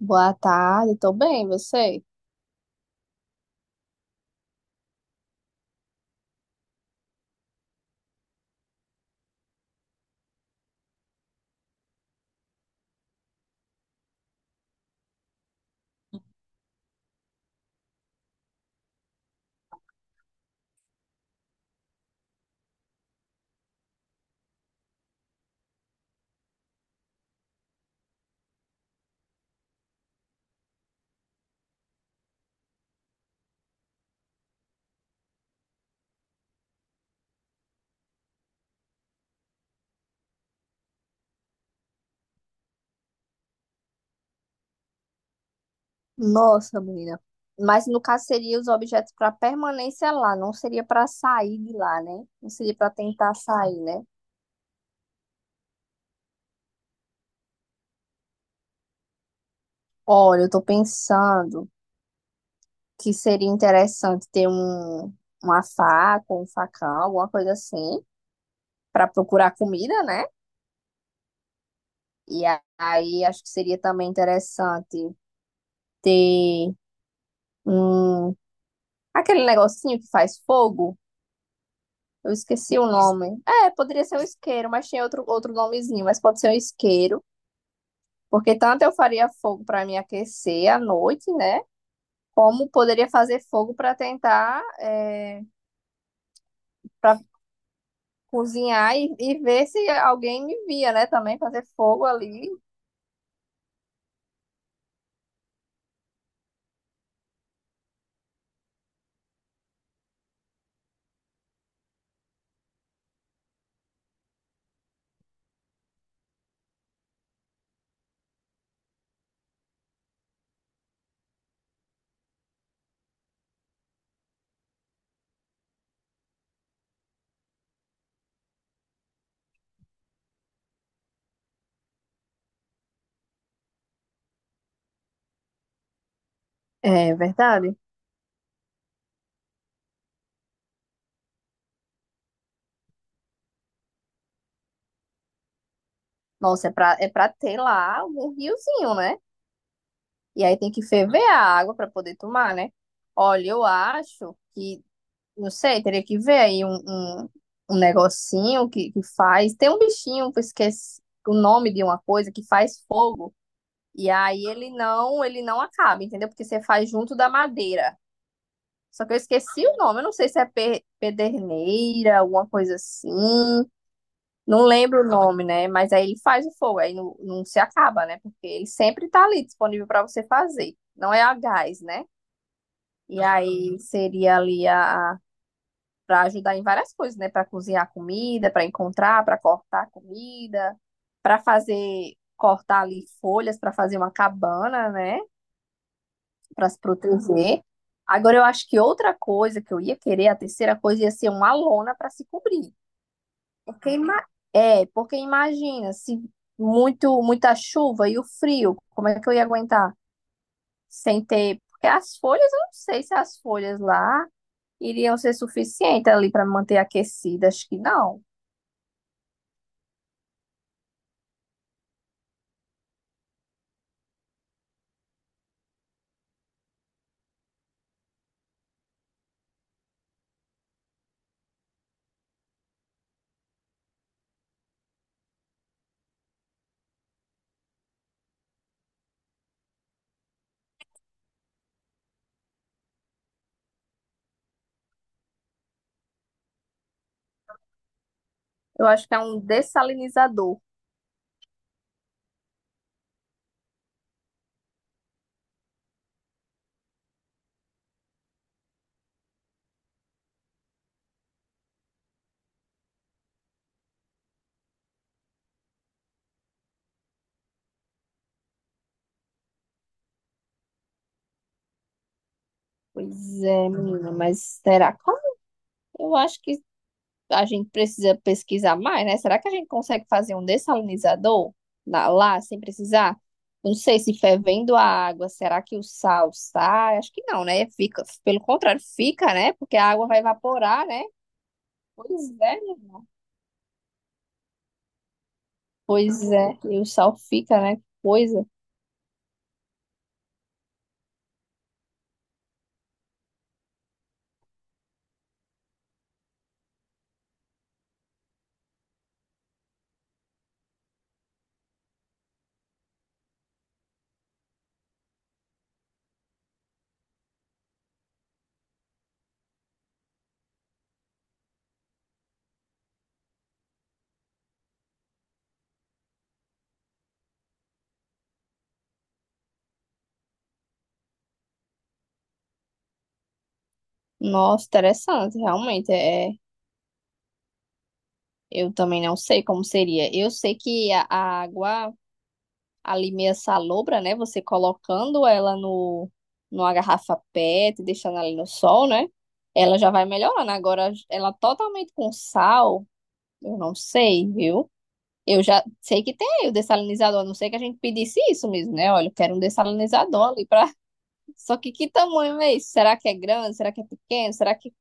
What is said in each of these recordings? Boa tarde, tô bem, você? Nossa, menina. Mas no caso seria os objetos para permanência lá, não seria para sair de lá, né? Não seria para tentar sair, né? Olha, eu tô pensando que seria interessante ter uma faca, um facão, alguma coisa assim, para procurar comida, né? E aí acho que seria também interessante ter um, aquele negocinho que faz fogo. Eu esqueci o nome. É, poderia ser um isqueiro, mas tinha outro nomezinho, mas pode ser um isqueiro, porque tanto eu faria fogo para me aquecer à noite, né? Como poderia fazer fogo para tentar para cozinhar e ver se alguém me via, né? Também fazer fogo ali. É verdade. Nossa, é para ter lá algum riozinho, né? E aí tem que ferver a água para poder tomar, né? Olha, eu acho que não sei, teria que ver aí um, um negocinho que faz. Tem um bichinho que eu esqueci o nome de uma coisa que faz fogo. E aí ele não acaba, entendeu? Porque você faz junto da madeira. Só que eu esqueci o nome. Eu não sei se é pederneira, alguma coisa assim. Não lembro o nome, né? Mas aí ele faz o fogo, aí não se acaba, né? Porque ele sempre tá ali disponível para você fazer. Não é a gás, né? E aí seria ali a para ajudar em várias coisas, né? Para cozinhar comida, para encontrar, para cortar comida, para fazer cortar ali folhas para fazer uma cabana, né? Para se proteger. Agora eu acho que outra coisa que eu ia querer, a terceira coisa ia ser uma lona para se cobrir. Porque ima- porque imagina se muito muita chuva e o frio, como é que eu ia aguentar sem ter? Porque as folhas, eu não sei se as folhas lá iriam ser suficientes ali para manter aquecida, acho que não. Eu acho que é um dessalinizador. Pois é, menina, mas será como? Eu acho que a gente precisa pesquisar mais, né? Será que a gente consegue fazer um dessalinizador lá sem precisar? Não sei se fervendo a água, será que o sal sai? Acho que não, né? Fica, pelo contrário, fica, né? Porque a água vai evaporar, né? Pois é, menina. Pois é, e o sal fica, né? Que coisa. Nossa, interessante, realmente. É, eu também não sei como seria. Eu sei que a água ali meio salobra, né? Você colocando ela no, numa garrafa PET, deixando ali no sol, né? Ela já vai melhorando. Agora, ela totalmente com sal, eu não sei, viu? Eu já sei que tem o dessalinizador, a não sei que a gente pedisse isso mesmo, né? Olha, eu quero um dessalinizador ali pra. Só que tamanho é isso? Será que é grande? Será que é pequeno? Será que.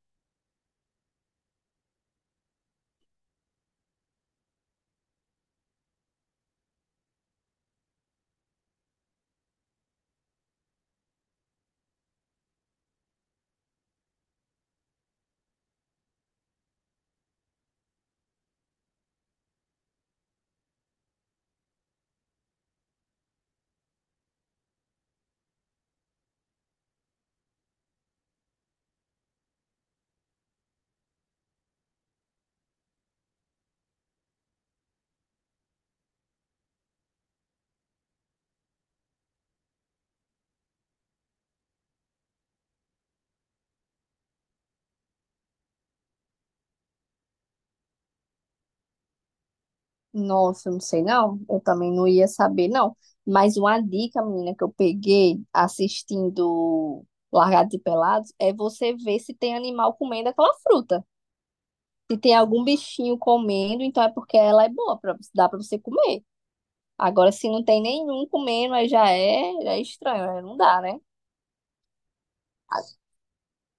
Nossa, eu não sei não. Eu também não ia saber, não. Mas uma dica, menina, que eu peguei assistindo Largados e Pelados é você ver se tem animal comendo aquela fruta. Se tem algum bichinho comendo, então é porque ela é boa, pra, dá pra você comer. Agora, se não tem nenhum comendo, aí já é estranho, aí não dá, né?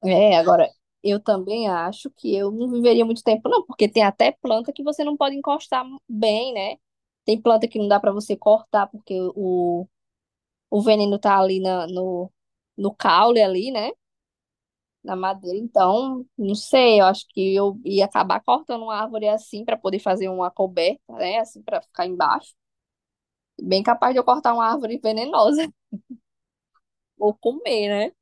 É, agora, eu também acho que eu não viveria muito tempo, não, porque tem até planta que você não pode encostar bem, né? Tem planta que não dá pra você cortar porque o veneno tá ali no caule ali, né? Na madeira. Então, não sei, eu acho que eu ia acabar cortando uma árvore assim para poder fazer uma coberta, né? Assim, para ficar embaixo. Bem capaz de eu cortar uma árvore venenosa ou comer, né?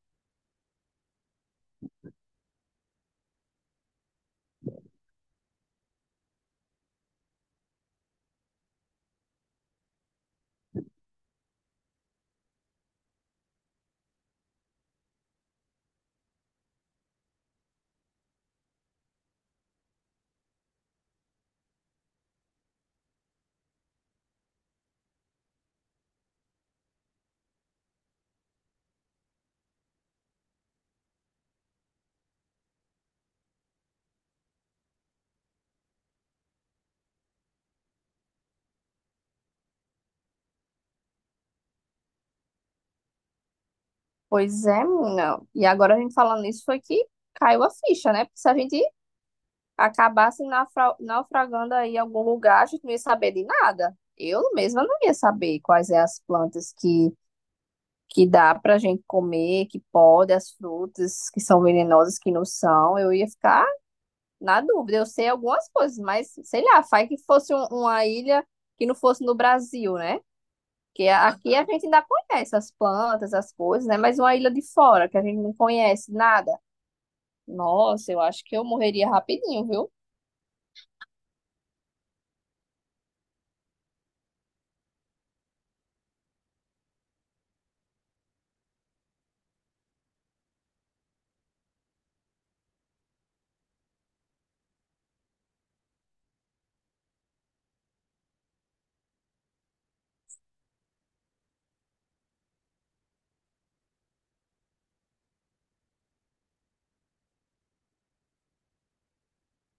Pois é, menina. E agora a gente falando nisso foi que caiu a ficha, né? Porque se a gente acabasse naufragando aí em algum lugar, a gente não ia saber de nada. Eu mesma não ia saber quais é as plantas que dá pra gente comer, que pode, as frutas que são venenosas, que não são, eu ia ficar na dúvida. Eu sei algumas coisas, mas sei lá, faz que fosse uma ilha que não fosse no Brasil, né? Porque aqui a gente ainda conhece as plantas, as coisas, né? Mas uma ilha de fora, que a gente não conhece nada. Nossa, eu acho que eu morreria rapidinho, viu?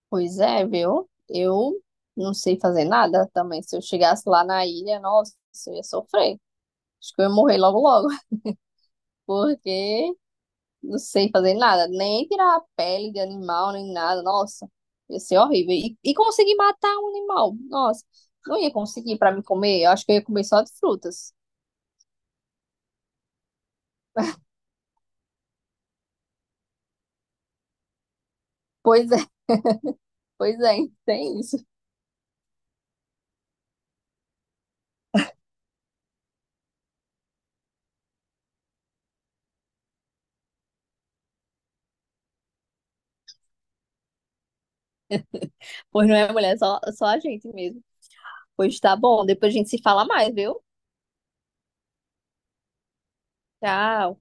Pois é, viu? Eu não sei fazer nada também. Se eu chegasse lá na ilha, nossa, eu ia sofrer. Acho que eu ia morrer logo logo, porque não sei fazer nada, nem tirar a pele de animal, nem nada. Nossa, ia ser horrível. E conseguir matar um animal. Nossa, não ia conseguir para me comer. Eu acho que eu ia comer só de frutas. Pois é, pois é, tem isso. Pois não é, mulher, só a gente mesmo. Pois tá bom, depois a gente se fala mais, viu? Tchau.